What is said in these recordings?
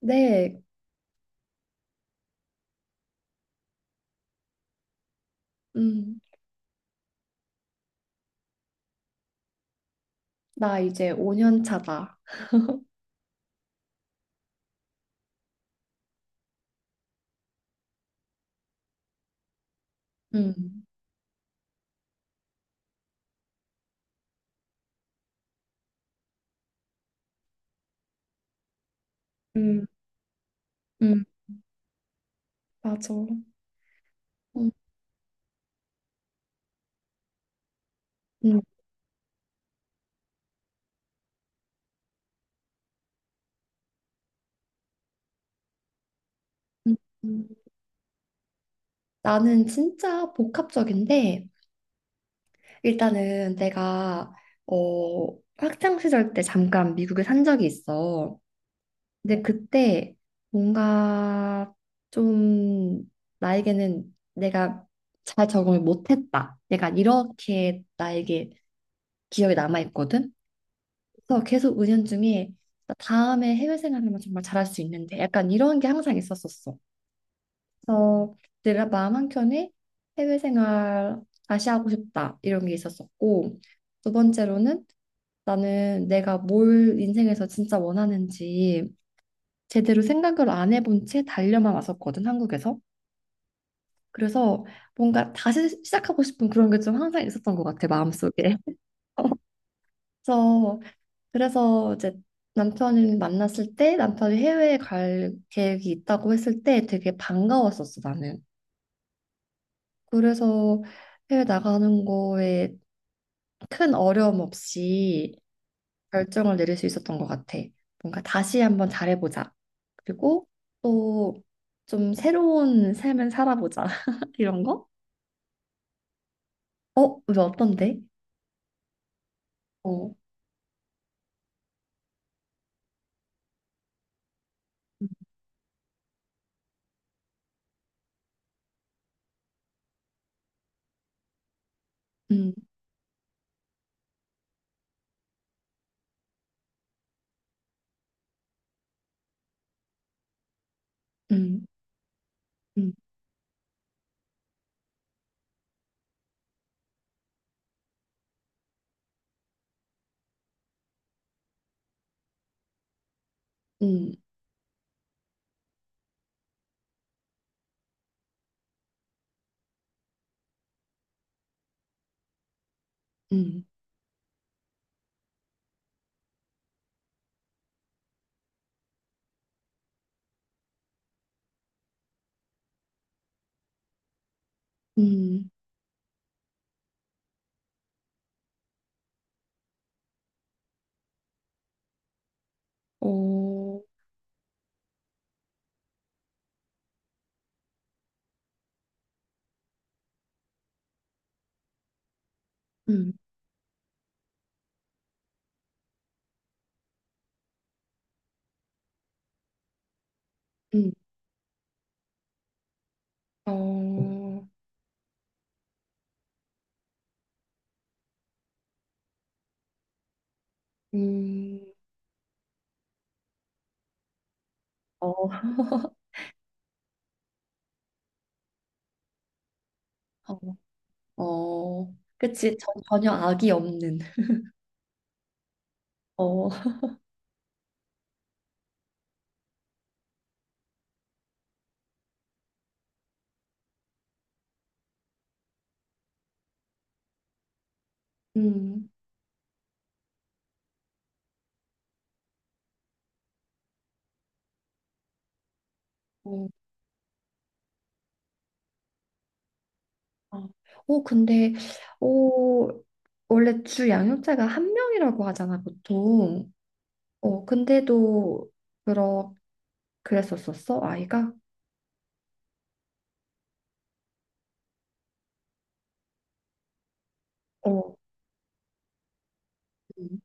네, 음, 나 이제 5년 차다. 음, 음, 음, 맞아. 음, 음, 음, 음. 나는 진짜 복합적인데, 일단은 내가, 학창 시절 때 잠깐 미국에 산 적이 있어. 근데 그때 뭔가 좀 나에게는 내가 잘 적응을 못했다. 약간 이렇게 나에게 기억에 남아있거든. 그래서 계속 은연 중에 나 다음에 해외 생활만 정말 잘할 수 있는데 약간 이런 게 항상 있었었어. 그래서 내 마음 한켠에 해외 생활 다시 하고 싶다 이런 게 있었었고, 두 번째로는 나는 내가 뭘 인생에서 진짜 원하는지 제대로 생각을 안 해본 채 달려만 왔었거든 한국에서. 그래서 뭔가 다시 시작하고 싶은 그런 게 좀 항상 있었던 것 같아 마음속에. 그래서 그래서 이제 남편을 만났을 때 남편이 해외에 갈 계획이 있다고 했을 때 되게 반가웠었어, 나는. 그래서 해외 나가는 거에 큰 어려움 없이 결정을 내릴 수 있었던 것 같아. 뭔가 다시 한번 잘해보자. 그리고 또 좀 새로운 삶을 살아보자. 이런 거? 어? 왜 어떤데? 어. 음, 음, 음, 음, 음, 음, 음. 어, 음, 음, 어. 음, 어, 어, 어, 그치. 전혀 악이 없는. 어, 음, 어, 아. 어, 근데, 어, 원래 주 양육자가 한 명이라고 하잖아, 보통. 어, 근데도, 그러, 그랬었었어, 아이가? 어, 음,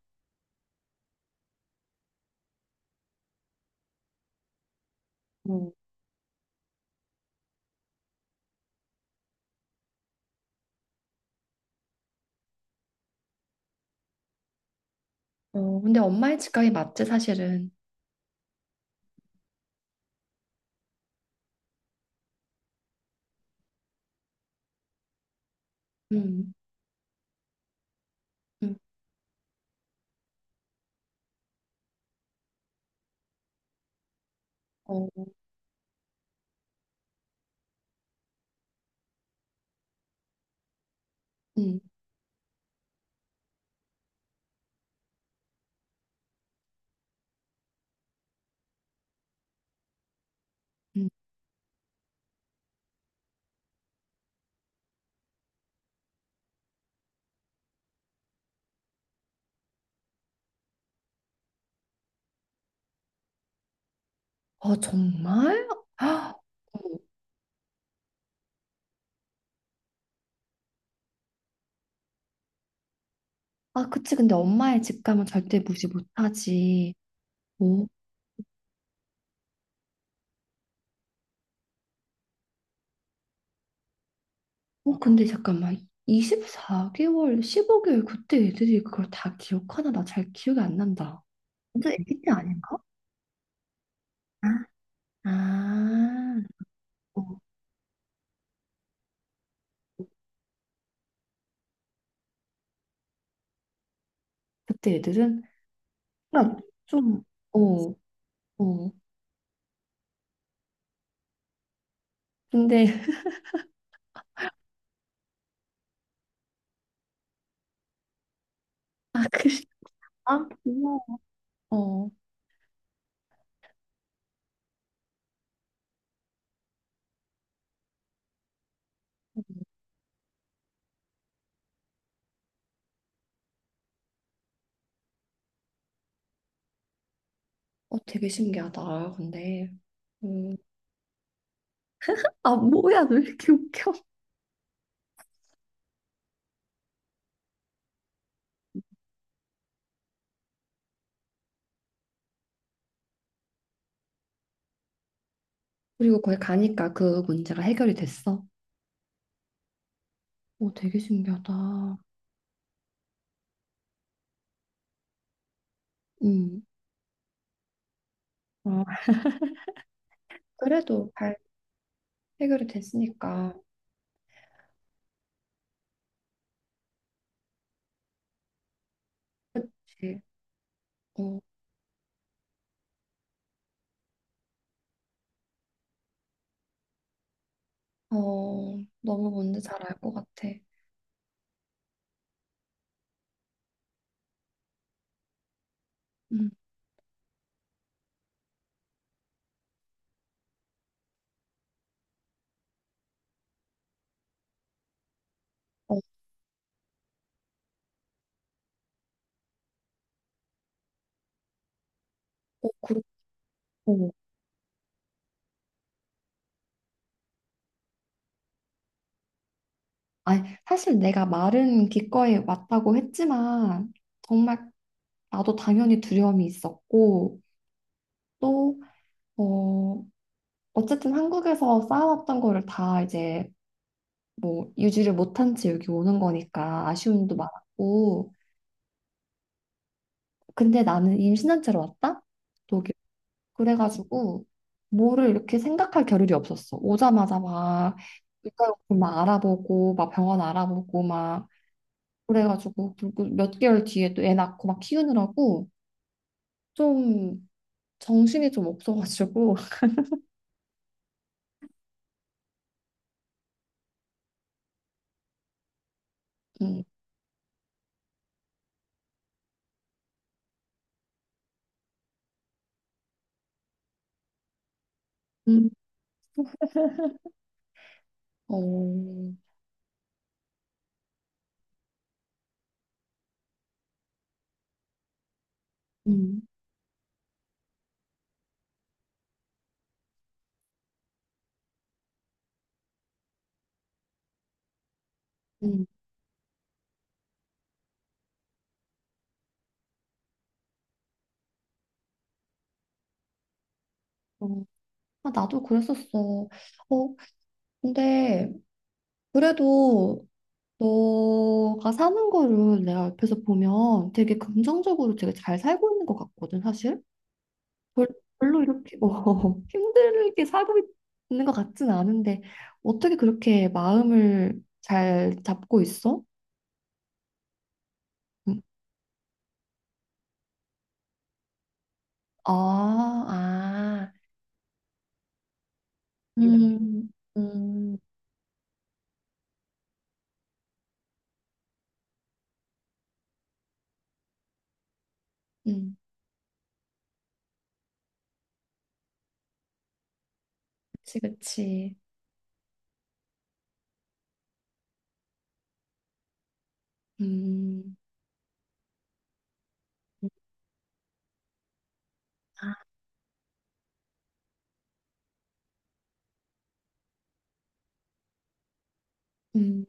어, 어, 근데 엄마의 직감이 맞지, 사실은. 음, 음, 어, 음, 음. 아, 정말? 헉, 아, 그치. 근데 엄마의 직감은 절대 무시 못하지. 어? 어, 근데 잠깐만. 24개월, 15개월 그때 애들이 그걸 다 기억하나? 나 잘 기억이 안 난다. 완전 애기 때 아닌가? 아, 아, 어, 그때 애들은 그러니까 좀, 어, 어. 근데 아, 그, 아, 고마워. 어, 어, 되게 신기하다. 근데, 음, 아, 뭐야, 너 왜 이렇게 웃겨? 그리고 거기 가니까 그 문제가 해결이 됐어. 어, 되게 신기하다. 음. 어, 그래도 잘 해결이 됐으니까. 그치. 어, 어, 너무 뭔지 잘 알 것 같아. 음. 어, 어, 그렇고. 아니, 사실 내가 말은 기꺼이 왔다고 했지만, 정말 나도 당연히 두려움이 있었고, 또, 어, 어쨌든 한국에서 쌓아왔던 거를 다 이제 뭐 유지를 못한 채 여기 오는 거니까 아쉬움도 많았고, 근데 나는 임신한 채로 왔다? 그래가지고 뭐를 이렇게 생각할 겨를이 없었어. 오자마자 막 일단 막 알아보고 막 병원 알아보고 막 그래가지고 그리고 몇 개월 뒤에 또 애 낳고 막 키우느라고 좀 정신이 좀 없어가지고 음, 음, 어, 음, 음, 어. 아, 나도 그랬었어. 어, 근데 그래도 너가 사는 거를 내가 옆에서 보면 되게 긍정적으로 되게 잘 살고 있는 것 같거든, 사실. 별- 별로 이렇게 뭐 힘들게 살고 있는 것 같진 않은데 어떻게 그렇게 마음을 잘 잡고 있어? 음, 아, 아, 음, 음, 음, 그치, 그치, 음, 아, 음,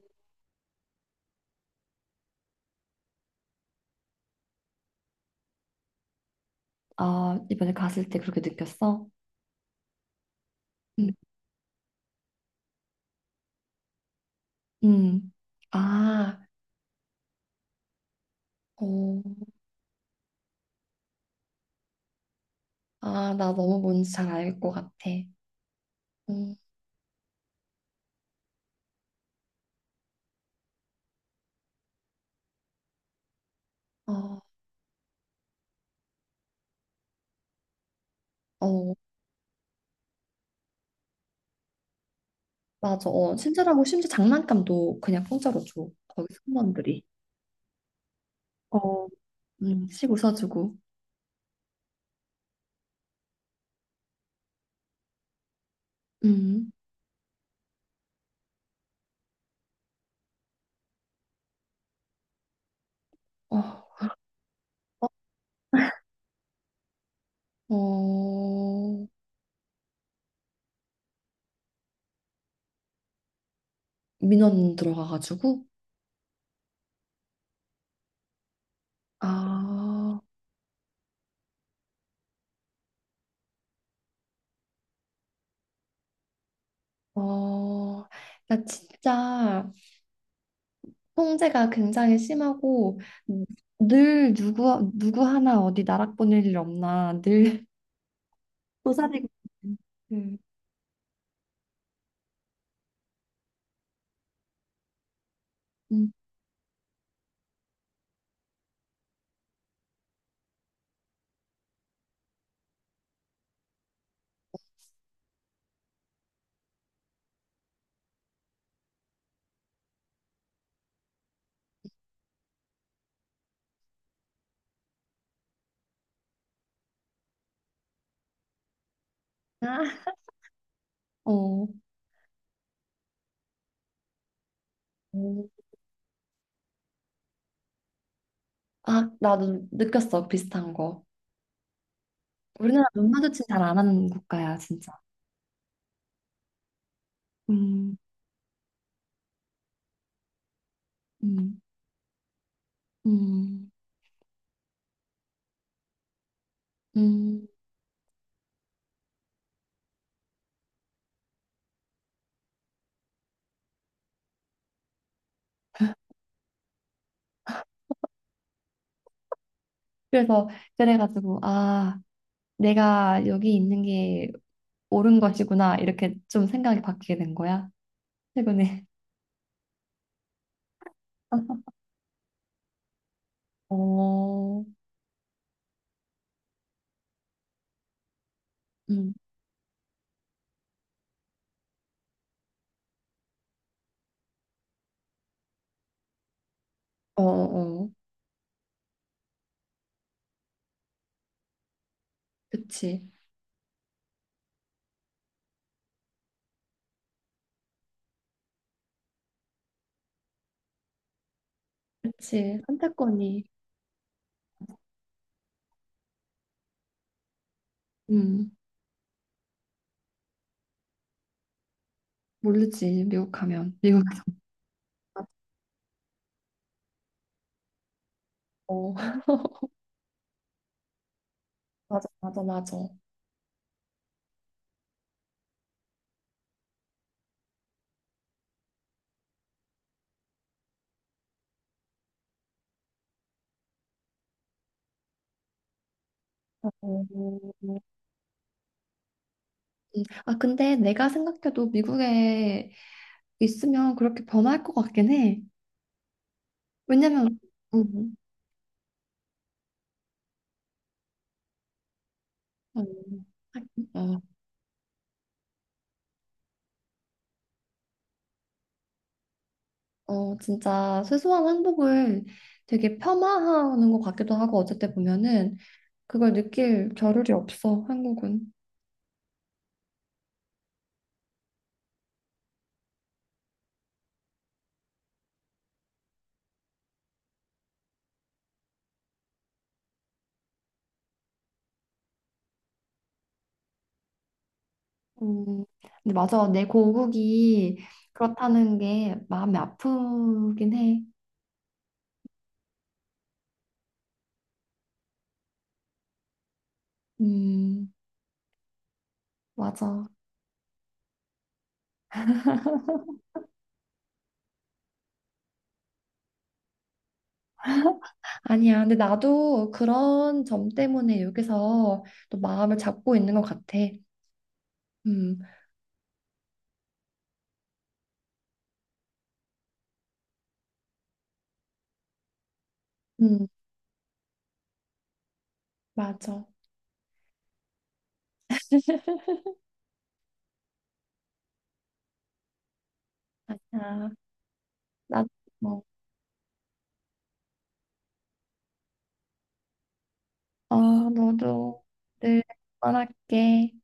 아, 이번에 갔을 때 그렇게 느꼈어? 음, 음, 아, 어, 아, 나 너무 뭔지 잘 알 것 같아. 음, 어, 어, 맞아. 어, 친절하고 심지어 장난감도 그냥 공짜로 줘. 거기 승무원들이. 어, 씩 웃어주고. 음. 어, 어, 어, 민원 들어가가지고. 아, 어, 나 진짜 통제가 굉장히 심하고 늘 누구 누구 하나 어디 나락 보낼 일 없나 늘 쏘사되고 있는 그, 음. 아, 어, 어. 아, 나도 느꼈어 비슷한 거. 우리나라 눈 마주친 잘 안 하는 국가야, 진짜. 음, 음, 음, 음. 그래서 그래가지고 아, 내가 여기 있는 게 옳은 것이구나 이렇게 좀 생각이 바뀌게 된 거야, 최근에. 어, 음, 어, 어, 그치, 그치. 선택권이, 음, 모르지 미국 가면 미국 가면. 어, 맞아, 맞아, 맞아. 어. 아, 근데 내가 생각해도 미국에 있으면 그렇게 범할 것 같긴 해. 왜냐면, 음, 어, 어, 어, 진짜 소소한 행복을 되게 폄하하는 것 같기도 하고 어쨌든 보면은 그걸 느낄 겨를이 없어 한국은. 음, 근데 맞아. 내 고국이 그렇다는 게 마음이 아프긴 해. 음, 맞아. 아니야. 근데 나도 그런 점 때문에 여기서 또 마음을 잡고 있는 것 같아. 음, 음, 맞아. 아. 나도, 어, 너도 늘 응원할게.